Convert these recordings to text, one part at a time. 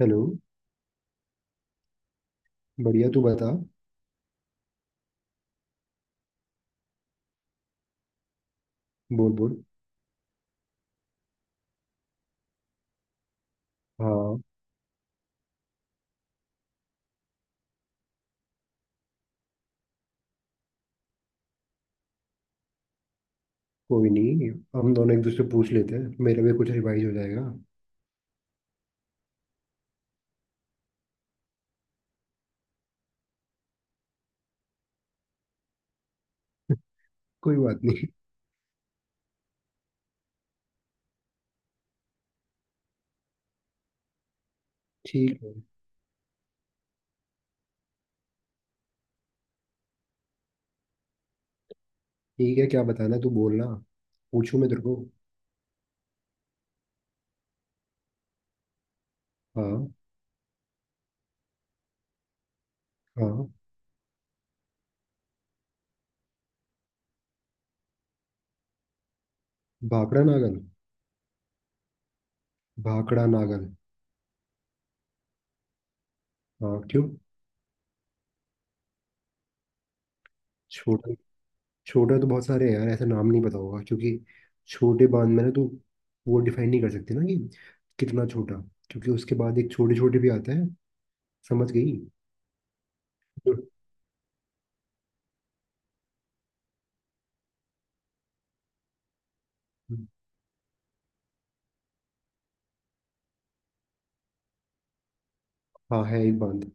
Hello. बढ़िया, तू बता। बोल बोल। हाँ। कोई नहीं, हम दोनों एक दूसरे पूछ लेते हैं, मेरा भी कुछ रिवाइज हो जाएगा। कोई बात नहीं। ठीक है। ठीक है, क्या बताना? तू बोलना। पूछूं मैं तेरे को? हाँ। हाँ। भाखड़ा नागल। भाखड़ा नागल। हाँ, क्यों? छोटा? छोटा तो बहुत सारे हैं यार, ऐसा नाम नहीं पता होगा, क्योंकि छोटे बांध में ना तू वो डिफाइन नहीं कर सकती ना कि कितना छोटा, क्योंकि उसके बाद एक छोटे छोटे भी आता है। समझ गई? जो- हाँ, है एक बांध।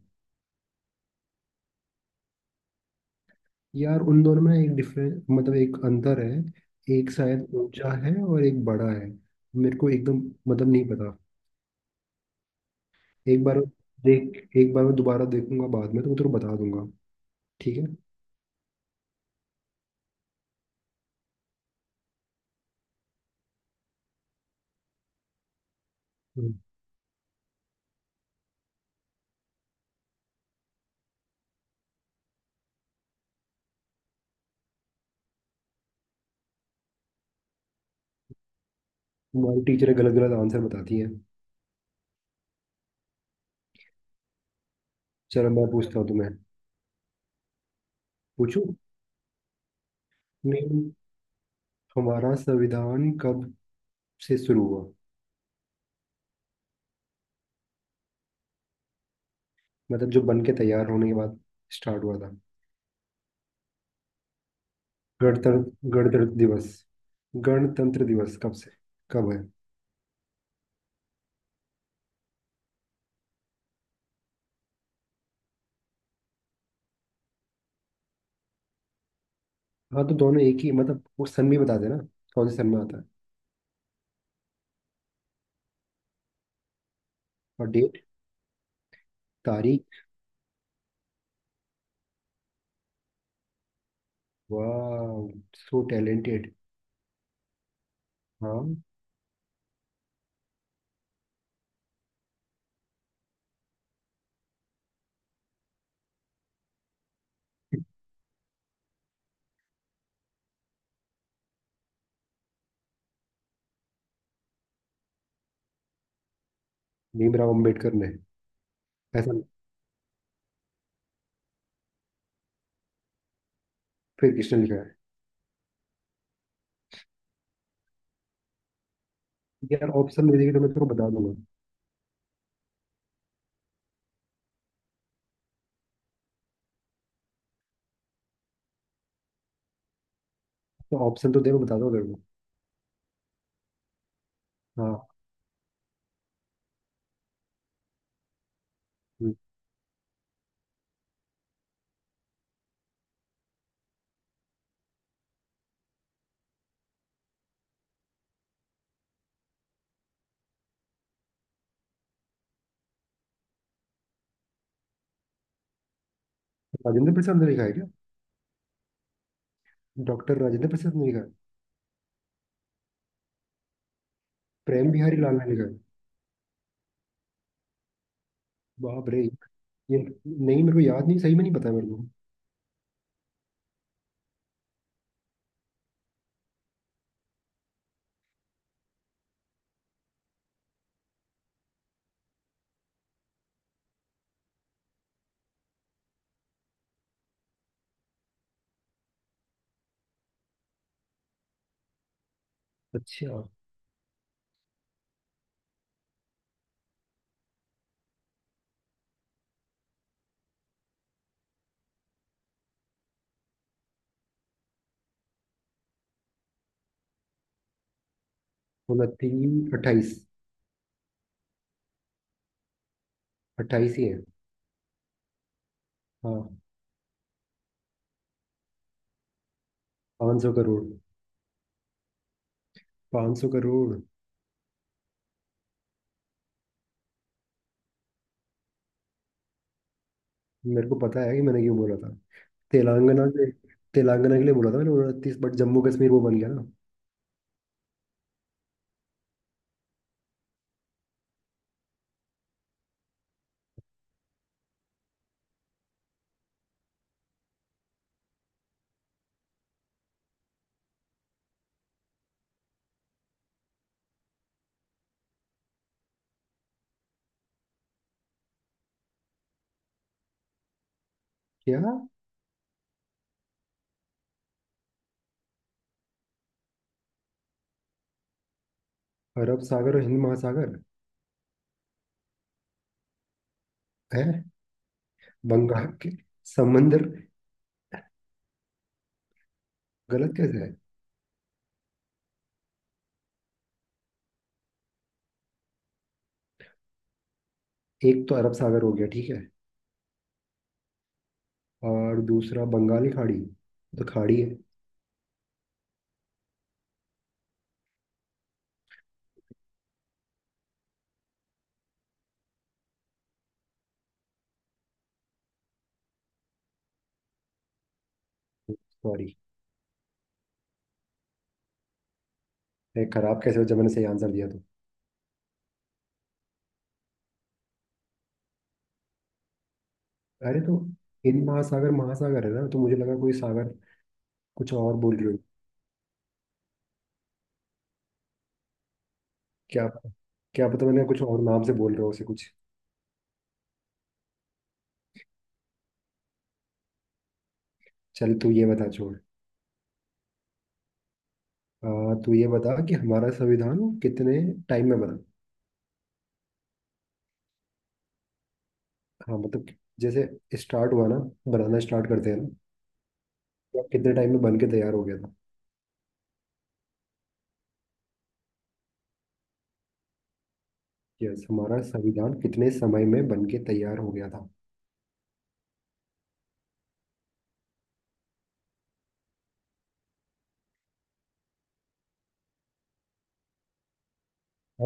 यार, उन दोनों में एक डिफरेंस, मतलब एक अंतर है। एक शायद ऊंचा है और एक बड़ा है। मेरे को एकदम मतलब नहीं पता। एक बार देख, एक बार मैं दोबारा देखूंगा बाद में, तो मैं तेरे को बता दूंगा। ठीक है। हम्म। तुम्हारी टीचर गलत गलत आंसर बताती है। चलो, मैं पूछता हूँ तुम्हें। पूछू? नहीं, हमारा संविधान कब से शुरू हुआ? मतलब जो बन के तैयार होने के बाद स्टार्ट हुआ था। गणतंत्र गणतंत्र दिवस। गणतंत्र दिवस कब से, कब है? हाँ, तो दोनों एक ही, मतलब वो सन भी बता देना, कौन से सन में आता है। और डेट, तारीख। वाह, सो टैलेंटेड। हाँ। भीमराव अम्बेडकर ने। ऐसा? फिर किसने लिखा है? यार, ऑप्शन में देगी तो मैं तेरे को बता दूंगा। तो ऑप्शन तो दे, मैं बता दूंगा तेरे को। हाँ। हम्म। राजेंद्र प्रसाद ने लिखा है क्या? डॉक्टर राजेंद्र प्रसाद ने लिखा है? प्रेम बिहारी लाल ने लिखा है। बाप रे, ये नहीं मेरे को याद, नहीं सही में नहीं पता मेरे को। अच्छा। 29, 28। 28 ही है। हाँ। 500 करोड़। 500 करोड़। मेरे को पता है कि मैंने क्यों बोला था। तेलंगाना के तेलंगाना के लिए बोला था मैंने 29, बट जम्मू कश्मीर वो बन गया ना। क्या? अरब सागर और हिंद महासागर। है। बंगाल के समंदर। गलत कैसे है? एक तो अरब सागर हो गया, ठीक है, और दूसरा बंगाली खाड़ी, तो खाड़ी है। सॉरी। खराब कैसे हो, जब मैंने सही आंसर दिया तो। अरे तो हिंद महासागर महासागर है ना, तो मुझे लगा कोई सागर कुछ और बोल रहे हो। क्या पता- क्या पता, मैंने कुछ और नाम से बोल रहे हो उसे, कुछ। चल, तू ये बता, छोड़। हाँ, तो ये बता कि हमारा संविधान कितने टाइम में बना। हाँ, मतलब कि जैसे स्टार्ट हुआ ना, बनाना स्टार्ट करते हैं ना, या कितने टाइम में बन के तैयार हो गया था। यस, हमारा संविधान कितने समय में बन के तैयार हो गया था।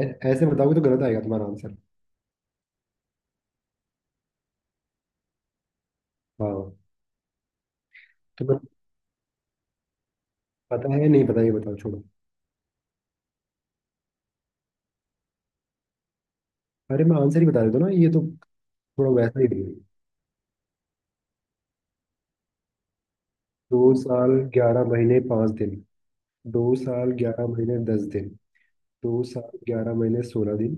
ऐ- ऐसे बताओगे तो गलत आएगा तुम्हारा आंसर। हाँ। तुम्हें पता है नहीं पता, ये बताओ, छोड़ो। अरे, मैं आंसर ही बता देता हूँ ना, ये तो थोड़ा वैसा ही है। 2 साल 11 महीने 5 दिन। 2 साल 11 महीने 10 दिन। 2 साल 11 महीने 16 दिन।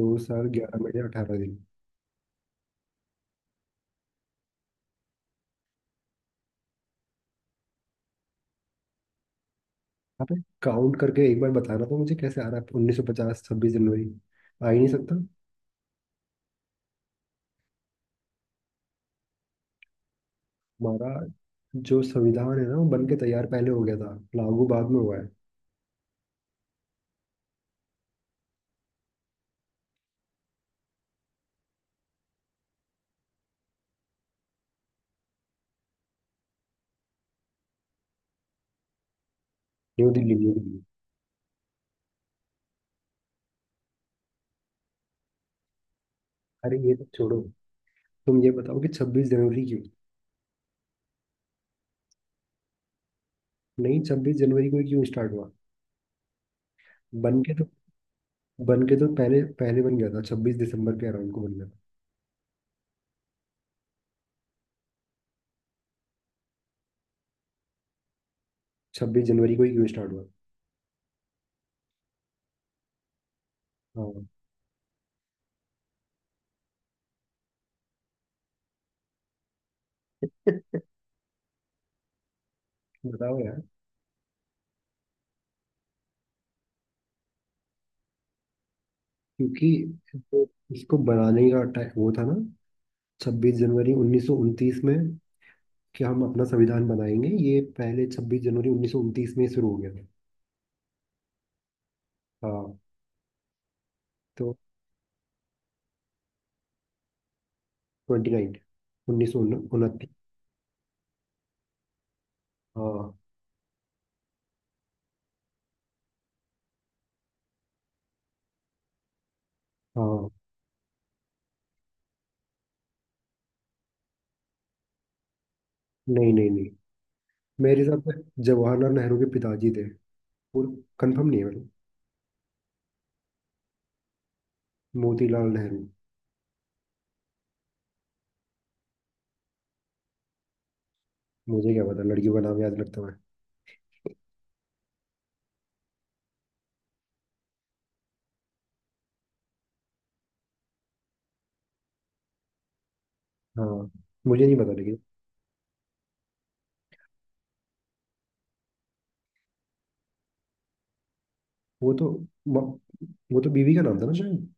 2 साल 11 महीने 18 दिन। आप काउंट करके एक बार बताना तो, मुझे कैसे आ रहा है 26 जनवरी 1950? आ ही नहीं सकता। हमारा जो संविधान है ना, वो बन के तैयार पहले हो गया था, लागू बाद में हुआ है। New Delhi, New Delhi. अरे, ये तो छोड़ो। तुम ये बताओ कि 26 जनवरी क्यों। नहीं, 26 जनवरी को ही क्यों स्टार्ट हुआ? बन के तो बन के तो पहले पहले बन गया था, 26 दिसंबर के अराउंड को बन गया था। 26 जनवरी को ही क्यों स्टार्ट हुआ? हाँ। बताओ यार। क्योंकि जो इसको बनाने का टाइम वो था ना, 26 जनवरी 1929 में, कि हम अपना संविधान बनाएंगे, ये पहले 26 जनवरी 1929 में शुरू हो गया था। हाँ। तो 29। 1929। हाँ। हाँ। नहीं नहीं नहीं। मेरे हिसाब से जवाहरलाल नेहरू के पिताजी थे, और कंफर्म नहीं है मतलब। मोतीलाल नेहरू। मुझे क्या पता, लड़कियों का नाम याद रखता मैं? हाँ। मुझे नहीं पता लेकिन। वो तो म- वो तो बीवी का नाम था ना शायद।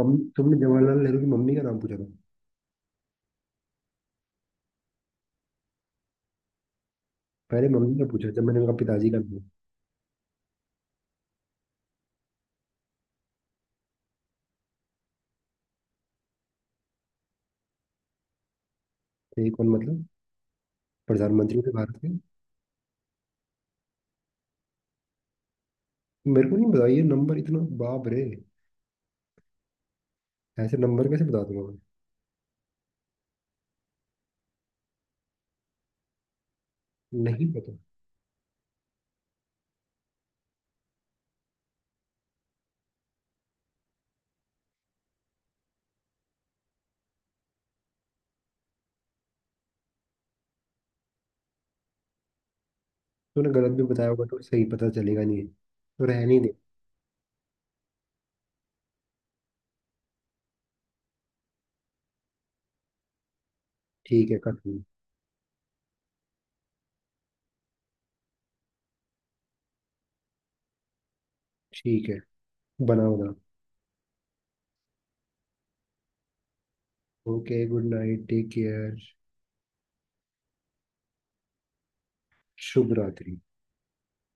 मम्मी, तुमने जवाहरलाल नेहरू की मम्मी का नाम पूछा था? पहले मम्मी का पूछा, जब मैंने उनका पिताजी का नाम। थे कौन मतलब? प्रधानमंत्री थे भारत के? मेरे को नहीं पता ये नंबर, इतना बाप रे, ऐसे नंबर कैसे बता दूंगा? मैं नहीं पता। तूने गलत भी बताया होगा तो सही पता चलेगा, नहीं तो रहने दे। ठीक है, कट। ठीक है, बना बना। Okay, good night, take care. शुभ रात्रि।